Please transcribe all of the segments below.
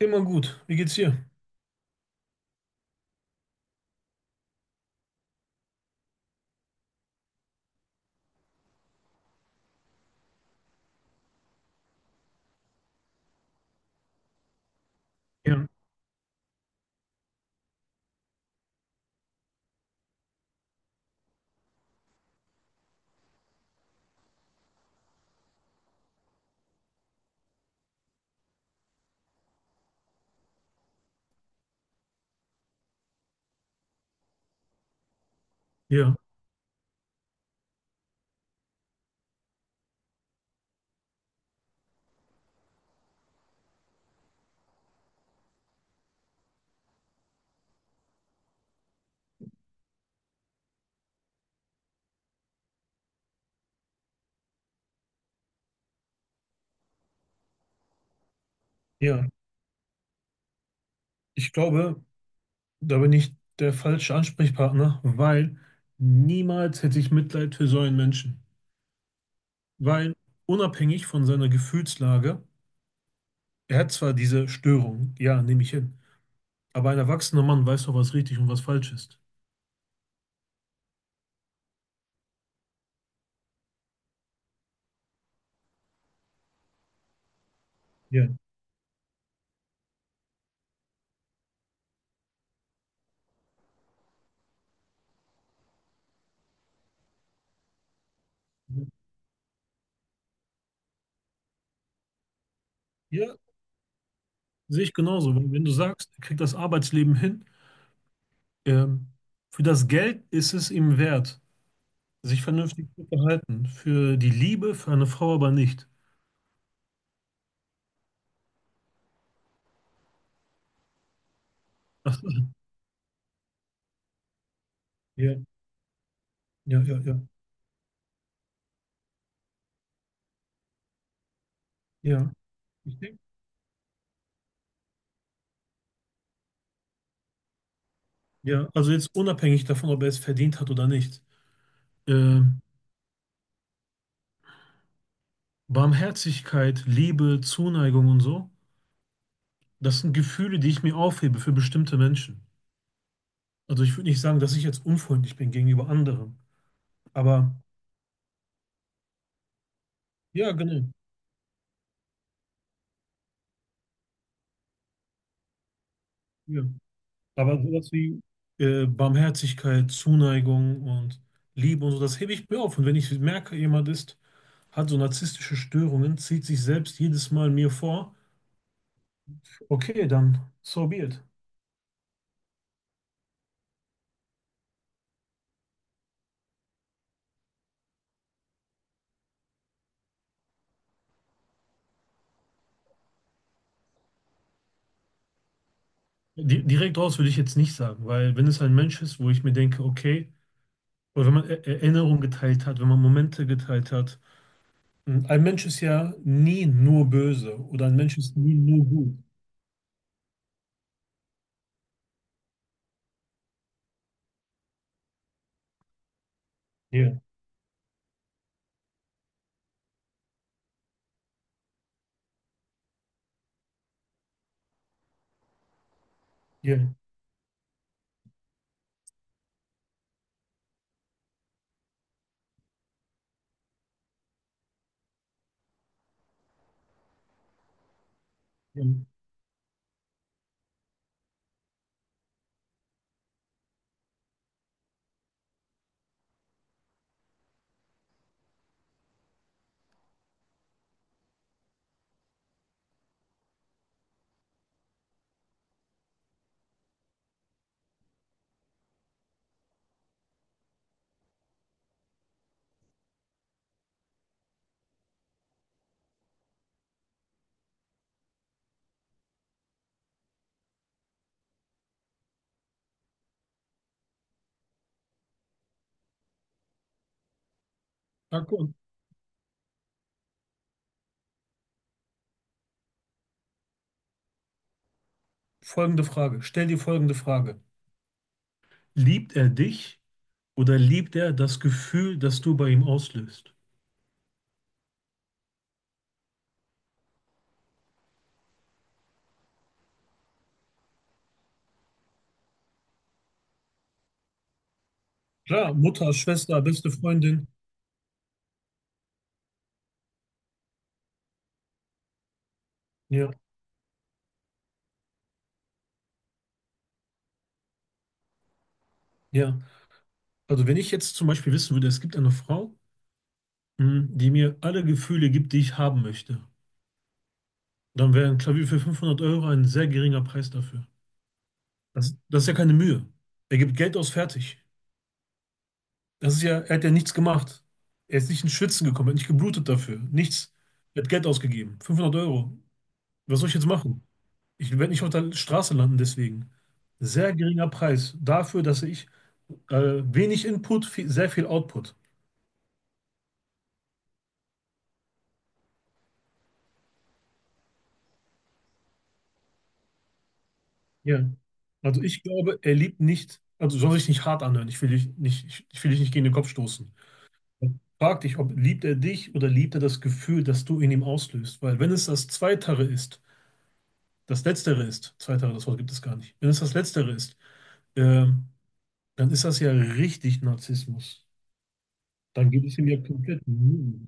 Immer gut. Wie geht's dir? Ja, ja, ja, ich glaube, da bin ich der falsche Ansprechpartner, weil niemals hätte ich Mitleid für so einen Menschen. Weil unabhängig von seiner Gefühlslage, er hat zwar diese Störung, ja, nehme ich hin, aber ein erwachsener Mann weiß doch, was richtig und was falsch ist. Ja. Ja, sehe ich genauso. Wenn du sagst, er kriegt das Arbeitsleben hin, ähm, für das Geld ist es ihm wert, sich vernünftig zu verhalten. Für die Liebe, für eine Frau aber nicht. Das, Ja, ja, ja, ja, ja. Ich denke, ja, also jetzt unabhängig davon, ob er es verdient hat oder nicht. Ähm, Barmherzigkeit, Liebe, Zuneigung und so, das sind Gefühle, die ich mir aufhebe für bestimmte Menschen. Also ich würde nicht sagen, dass ich jetzt unfreundlich bin gegenüber anderen. Aber ja, genau. Ja. Aber sowas wie Barmherzigkeit, Zuneigung und Liebe und so, das hebe ich mir auf. Und wenn ich merke, jemand hat so narzisstische Störungen, zieht sich selbst jedes Mal mir vor, okay, dann so be it. Direkt raus würde ich jetzt nicht sagen, weil wenn es ein Mensch ist, wo ich mir denke, okay, oder wenn man Erinnerungen geteilt hat, wenn man Momente geteilt hat, ein Mensch ist ja nie nur böse oder ein Mensch ist nie nur gut. Ja, ja, ja. Danke. Und folgende Frage, stell dir folgende Frage. Liebt er dich oder liebt er das Gefühl, das du bei ihm auslöst? Ja, Mutter, Schwester, beste Freundin. Ja, ja. Also wenn ich jetzt zum Beispiel wissen würde, es gibt eine Frau, die mir alle Gefühle gibt, die ich haben möchte. Dann wäre ein Klavier für 500 Euro ein sehr geringer Preis dafür. Das ist ja keine Mühe. Er gibt Geld aus, fertig. Das ist ja, er hat ja nichts gemacht. Er ist nicht ins Schwitzen gekommen, er hat nicht geblutet dafür. Nichts. Er hat Geld ausgegeben. 500 Euro. Was soll ich jetzt machen? Ich werde nicht auf der Straße landen deswegen. Sehr geringer Preis dafür, dass ich wenig Input, viel, sehr viel Output. Ja. Also ich glaube, er liebt nicht, also soll sich nicht hart anhören. Ich will dich nicht, ich will dich nicht gegen den Kopf stoßen. Frag dich, ob liebt er dich oder liebt er das Gefühl, das du in ihm auslöst. Weil wenn es das Zweitere ist, das Letztere ist, Zweitere, das Wort gibt es gar nicht. Wenn es das Letztere ist, ähm, dann ist das ja richtig Narzissmus. Dann geht es ihm ja komplett nur um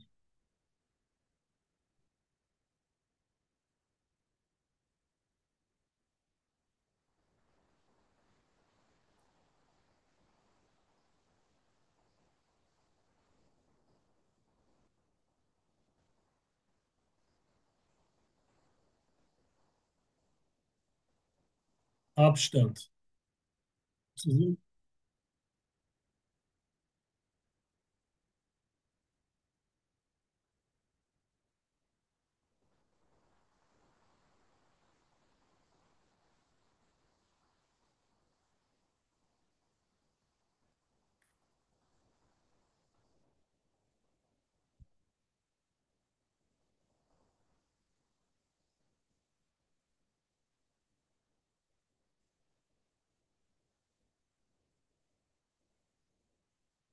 Abstand. So-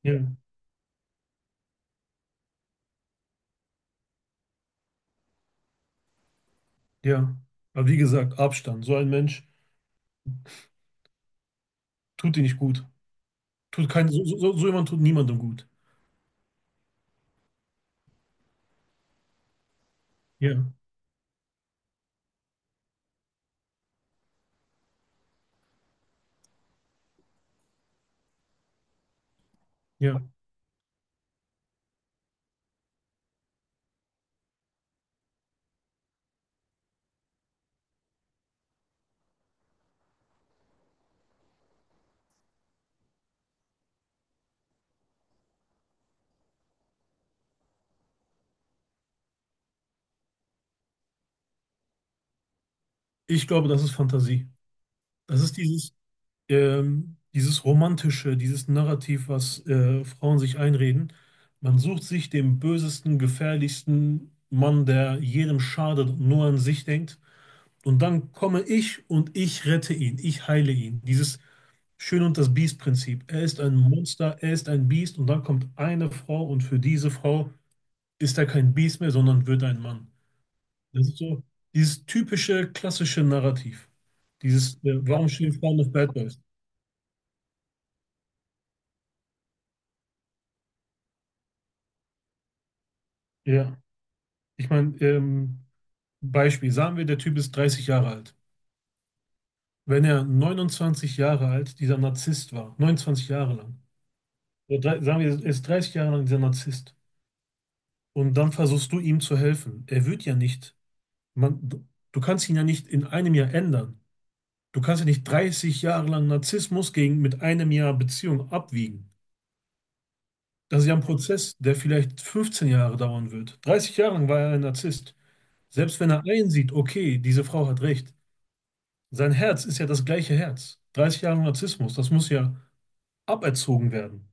Ja, ja. Aber wie gesagt, Abstand. So ein Mensch tut dir nicht gut. Tut kein, so, so, so so jemand tut niemandem gut. Ja, ja. Ich glaube, das ist Fantasie. Das ist dieses dieses Romantische, dieses Narrativ, was Frauen sich einreden. Man sucht sich den bösesten, gefährlichsten Mann, der jedem schadet und nur an sich denkt. Und dann komme ich und ich rette ihn, ich heile ihn. Dieses Schön und das Biest-Prinzip. Er ist ein Monster, er ist ein Biest und dann kommt eine Frau und für diese Frau ist er kein Biest mehr, sondern wird ein Mann. Das ist so dieses typische, klassische Narrativ. Warum stehen Frauen auf Bad Boys? Ja. Ich meine, Beispiel, sagen wir, der Typ ist 30 Jahre alt. Wenn er 29 Jahre alt dieser Narzisst war, 29 Jahre lang, oder drei, sagen wir, er ist 30 Jahre lang dieser Narzisst und dann versuchst du ihm zu helfen. Er wird ja nicht, man, du, du kannst ihn ja nicht in einem Jahr ändern. Du kannst ja nicht 30 Jahre lang Narzissmus gegen mit einem Jahr Beziehung abwiegen. Das ist ja ein Prozess, der vielleicht 15 Jahre dauern wird. 30 Jahre lang war er ein Narzisst. Selbst wenn er einsieht, okay, diese Frau hat recht, sein Herz ist ja das gleiche Herz. 30 Jahre Narzissmus, das muss ja aberzogen werden.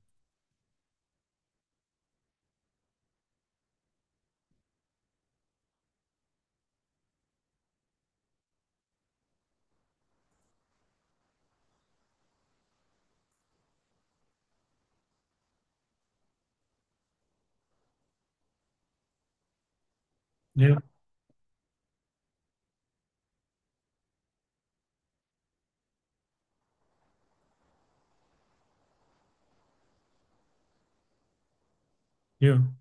Ja, ja,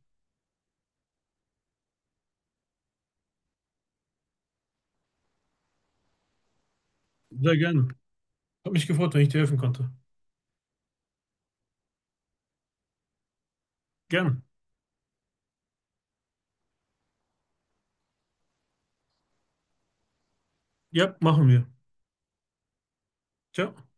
sehr gerne. Hat mich gefreut, wenn ich dir helfen konnte. Gerne. Ja, machen wir. Ciao.